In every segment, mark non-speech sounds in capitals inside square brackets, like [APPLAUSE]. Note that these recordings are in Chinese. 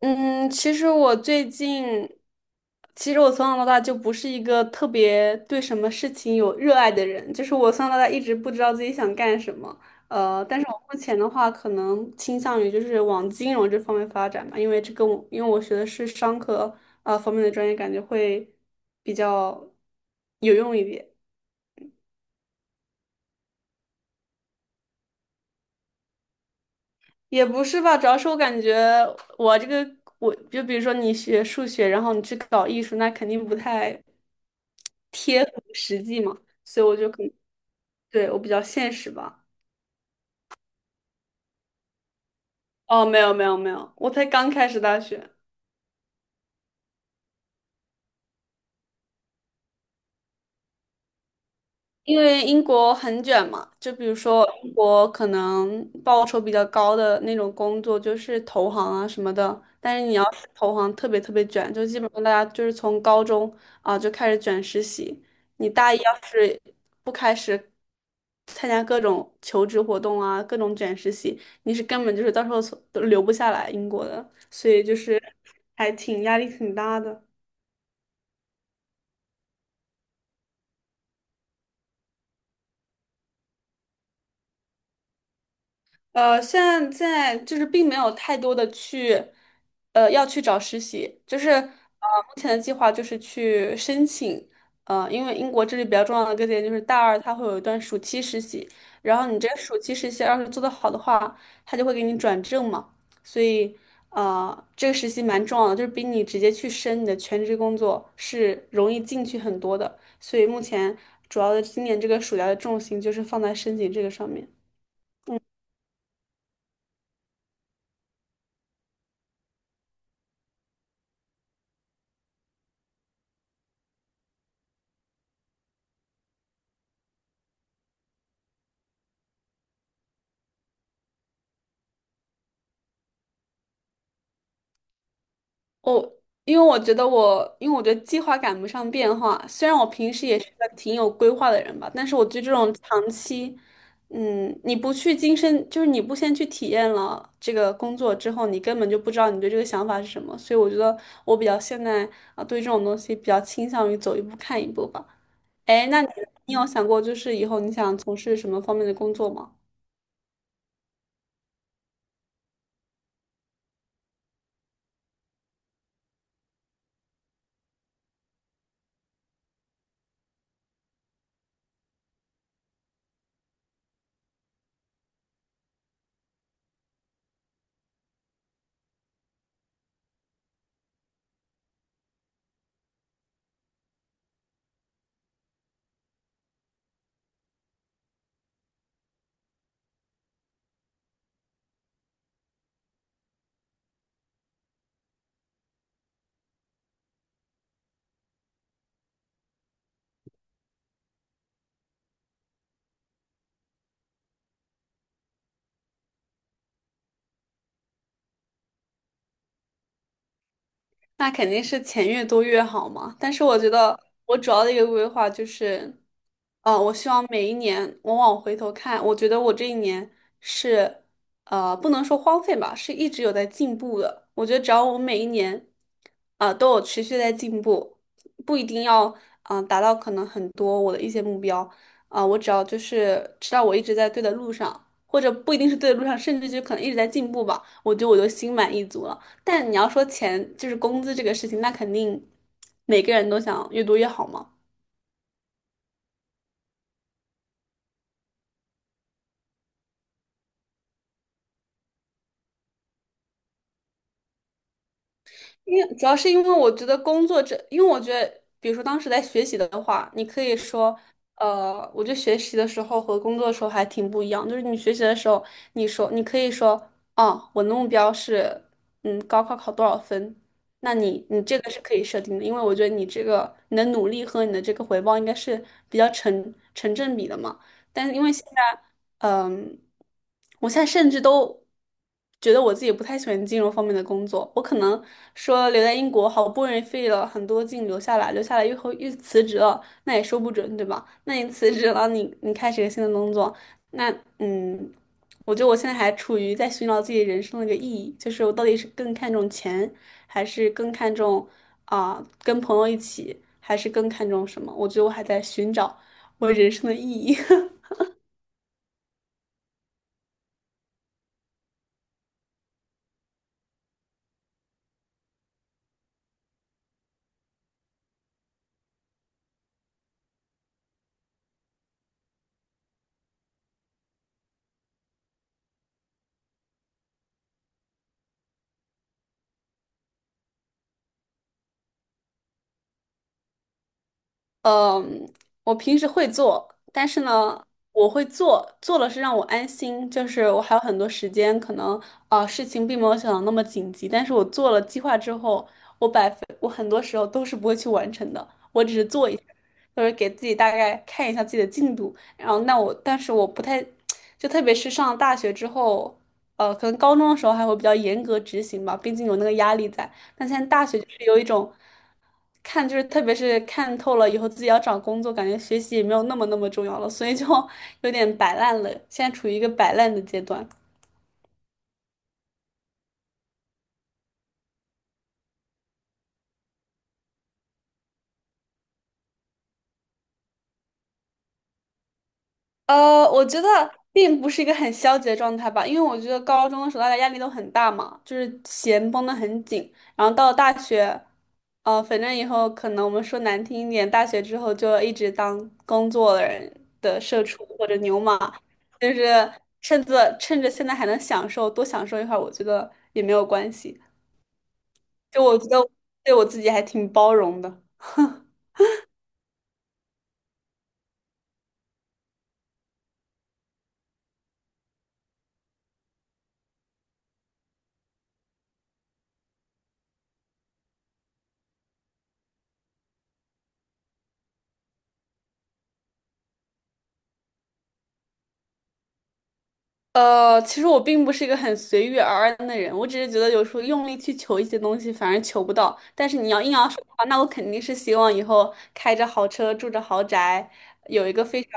嗯，其实我最近，其实我从小到大就不是一个特别对什么事情有热爱的人，就是我从小到大一直不知道自己想干什么。但是我目前的话，可能倾向于就是往金融这方面发展吧，因为我学的是商科方面的专业，感觉会比较有用一点。也不是吧，主要是我感觉我这个，我就比如说你学数学，然后你去搞艺术，那肯定不太贴合实际嘛，所以我就可能，对，我比较现实吧。哦，没有没有没有，我才刚开始大学。因为英国很卷嘛，就比如说英国可能报酬比较高的那种工作就是投行啊什么的，但是你要是投行特别特别卷，就基本上大家就是从高中啊就开始卷实习，你大一要是不开始参加各种求职活动啊，各种卷实习，你是根本就是到时候从都留不下来英国的，所以就是还挺压力挺大的。现在就是并没有太多的去，要去找实习，就是目前的计划就是去申请，因为英国这里比较重要的一个点就是大二它会有一段暑期实习，然后你这个暑期实习要是做的好的话，他就会给你转正嘛，所以这个实习蛮重要的，就是比你直接去申你的全职工作是容易进去很多的，所以目前主要的今年这个暑假的重心就是放在申请这个上面。我因为我觉得我，因为我觉得计划赶不上变化。虽然我平时也是个挺有规划的人吧，但是我对这种长期，你不去亲身，就是你不先去体验了这个工作之后，你根本就不知道你对这个想法是什么。所以我觉得我比较现在啊，对这种东西比较倾向于走一步看一步吧。哎，那你有想过就是以后你想从事什么方面的工作吗？那肯定是钱越多越好嘛。但是我觉得我主要的一个规划就是，我希望每一年我往回头看，我觉得我这一年是，不能说荒废吧，是一直有在进步的。我觉得只要我每一年，都有持续在进步，不一定要，达到可能很多我的一些目标，我只要就是知道我一直在对的路上，或者不一定是对的路上，甚至就可能一直在进步吧，我觉得我就心满意足了。但你要说钱，就是工资这个事情，那肯定每个人都想越多越好嘛。因为主要是因为我觉得工作这，因为我觉得，比如说当时在学习的话，你可以说，我觉得学习的时候和工作的时候还挺不一样。就是你学习的时候，你可以说，哦，我的目标是，高考考多少分？那你这个是可以设定的，因为我觉得你这个你的努力和你的这个回报应该是比较成正比的嘛。但是因为现在。嗯，我现在甚至都觉得我自己不太喜欢金融方面的工作。我可能说留在英国，好不容易费了很多劲留下来，留下来又后又辞职了，那也说不准，对吧？那你辞职了，你开始一个新的工作，那嗯，我觉得我现在还处于在寻找自己人生的一个意义，就是我到底是更看重钱，还是更看重跟朋友一起，还是更看重什么？我觉得我还在寻找我人生的意义。嗯，我平时会做，但是呢，我会做，做了是让我安心，就是我还有很多时间，可能事情并没有想的那么紧急，但是我做了计划之后，我百分我很多时候都是不会去完成的，我只是做一下，就是给自己大概看一下自己的进度，然后但是我不太，[TSK] 就特别是上了大学之后，可能高中的时候还会比较严格执行吧，毕竟有那个压力在，但现在大学就是有一种。看就是特别是看透了以后，自己要找工作，感觉学习也没有那么那么重要了，所以就 [LAUGHS] 有点摆烂了，现在处于一个摆烂的阶段。我觉得 [LAUGHS] 并不是一个很消极的状态吧，因为我觉得高中的时候大家压力都很大嘛，就是弦绷得很紧，然后到了大学，反正以后可能我们说难听一点，大学之后就一直当工作的人的社畜或者牛马，就是趁着现在还能享受，多享受一会儿，我觉得也没有关系。就我觉得对我自己还挺包容的。其实我并不是一个很随遇而安的人，我只是觉得有时候用力去求一些东西，反而求不到。但是你要硬要说的话，那我肯定是希望以后开着豪车，住着豪宅，有一个非常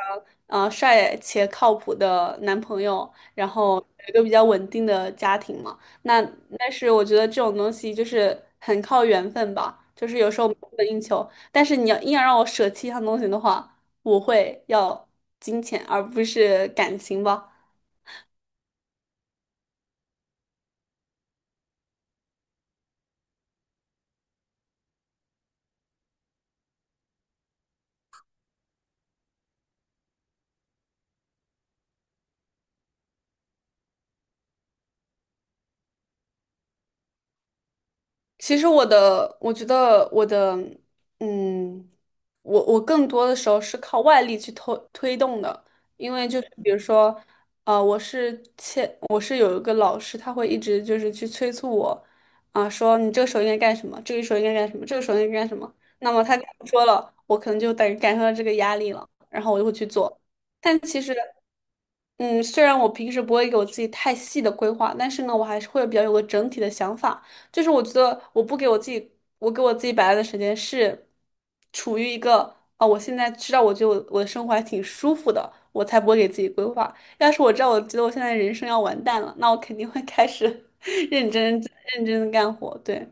帅且靠谱的男朋友，然后有一个比较稳定的家庭嘛。那但是我觉得这种东西就是很靠缘分吧，就是有时候不能硬求。但是你要硬要让我舍弃一项东西的话，我会要金钱而不是感情吧。其实我的，我觉得我的，嗯，我更多的时候是靠外力去推动的，因为就是比如说，我是有一个老师，他会一直就是去催促我，说你这个时候应该干什么，这个时候应该干什么，这个时候应该干什么。那么他跟我说了，我可能就感受到这个压力了，然后我就会去做。但其实，嗯，虽然我平时不会给我自己太细的规划，但是呢，我还是会比较有个整体的想法。就是我觉得我不给我自己，我给我自己摆烂的时间是处于一个我现在知道我觉得我的生活还挺舒服的，我才不会给自己规划。要是我知道我觉得我现在人生要完蛋了，那我肯定会开始 [LAUGHS] 认真认真的干活，对。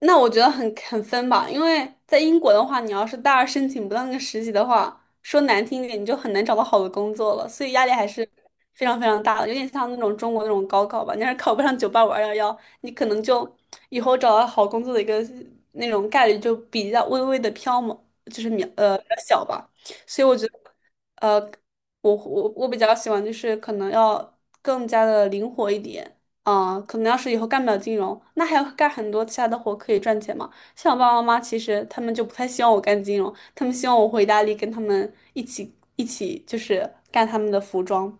那我觉得很分吧，因为在英国的话，你要是大二申请不到那个实习的话，说难听一点，你就很难找到好的工作了，所以压力还是非常非常大的，有点像那种中国那种高考吧。你要是考不上985211，你可能就以后找到好工作的一个那种概率就比较微微的飘嘛，就是比较小吧。所以我觉得，呃，我比较喜欢就是可能要更加的灵活一点。可能要是以后干不了金融，那还要干很多其他的活可以赚钱嘛。像我爸爸妈妈，其实他们就不太希望我干金融，他们希望我回意大利跟他们一起就是干他们的服装。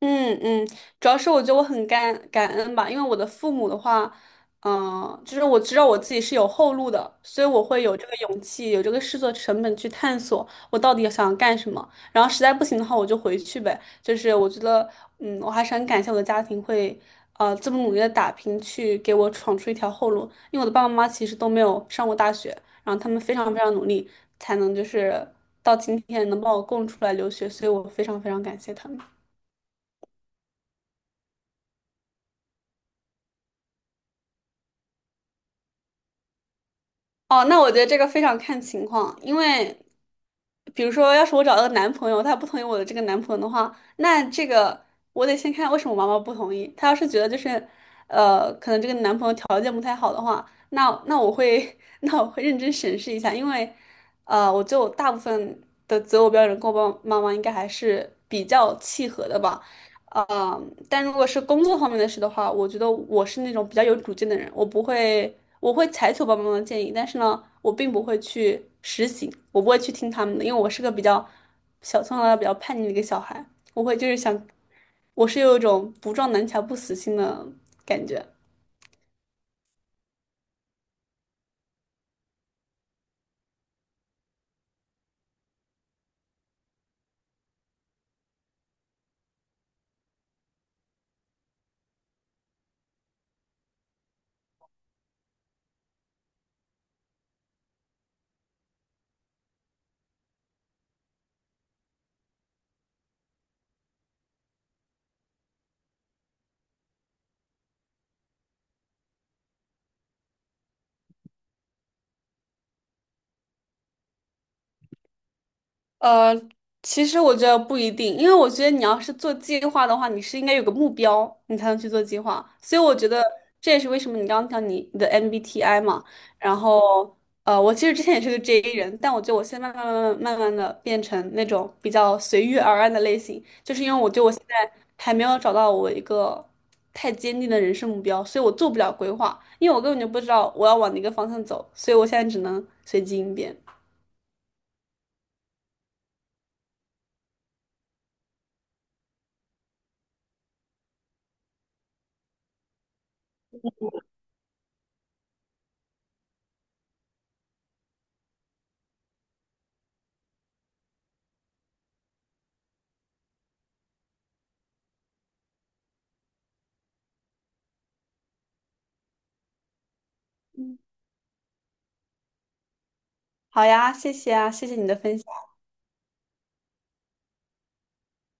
嗯嗯，主要是我觉得我很感恩吧，因为我的父母的话，就是我知道我自己是有后路的，所以我会有这个勇气，有这个试错成本去探索我到底想干什么。然后实在不行的话，我就回去呗。就是我觉得，我还是很感谢我的家庭会，这么努力的打拼去给我闯出一条后路。因为我的爸爸妈妈其实都没有上过大学，然后他们非常非常努力，才能就是到今天能把我供出来留学，所以我非常非常感谢他们。哦，那我觉得这个非常看情况，因为比如说，要是我找到个男朋友，他不同意我的这个男朋友的话，那这个我得先看为什么我妈妈不同意。她要是觉得就是，可能这个男朋友条件不太好的话，那我会 [LAUGHS] 那我会认真审视一下，因为，我就大部分的择偶标准跟我爸妈妈应该还是比较契合的吧。呃，但如果是工作方面的事的话，我觉得我是那种比较有主见的人，我不会，我会采取我爸爸妈妈的建议，但是呢，我并不会去实行，我不会去听他们的，因为我是个比较小，从小到大比较叛逆的一个小孩，我会就是想，我是有一种不撞南墙不死心的感觉。呃，其实我觉得不一定，因为我觉得你要是做计划的话，你是应该有个目标，你才能去做计划。所以我觉得这也是为什么你刚刚讲你的 MBTI 嘛，然后我其实之前也是个 J 人，但我觉得我现在慢慢的变成那种比较随遇而安的类型，就是因为我觉得我现在还没有找到我一个太坚定的人生目标，所以我做不了规划，因为我根本就不知道我要往哪个方向走，所以我现在只能随机应变。好呀，谢谢啊，谢谢你的分享。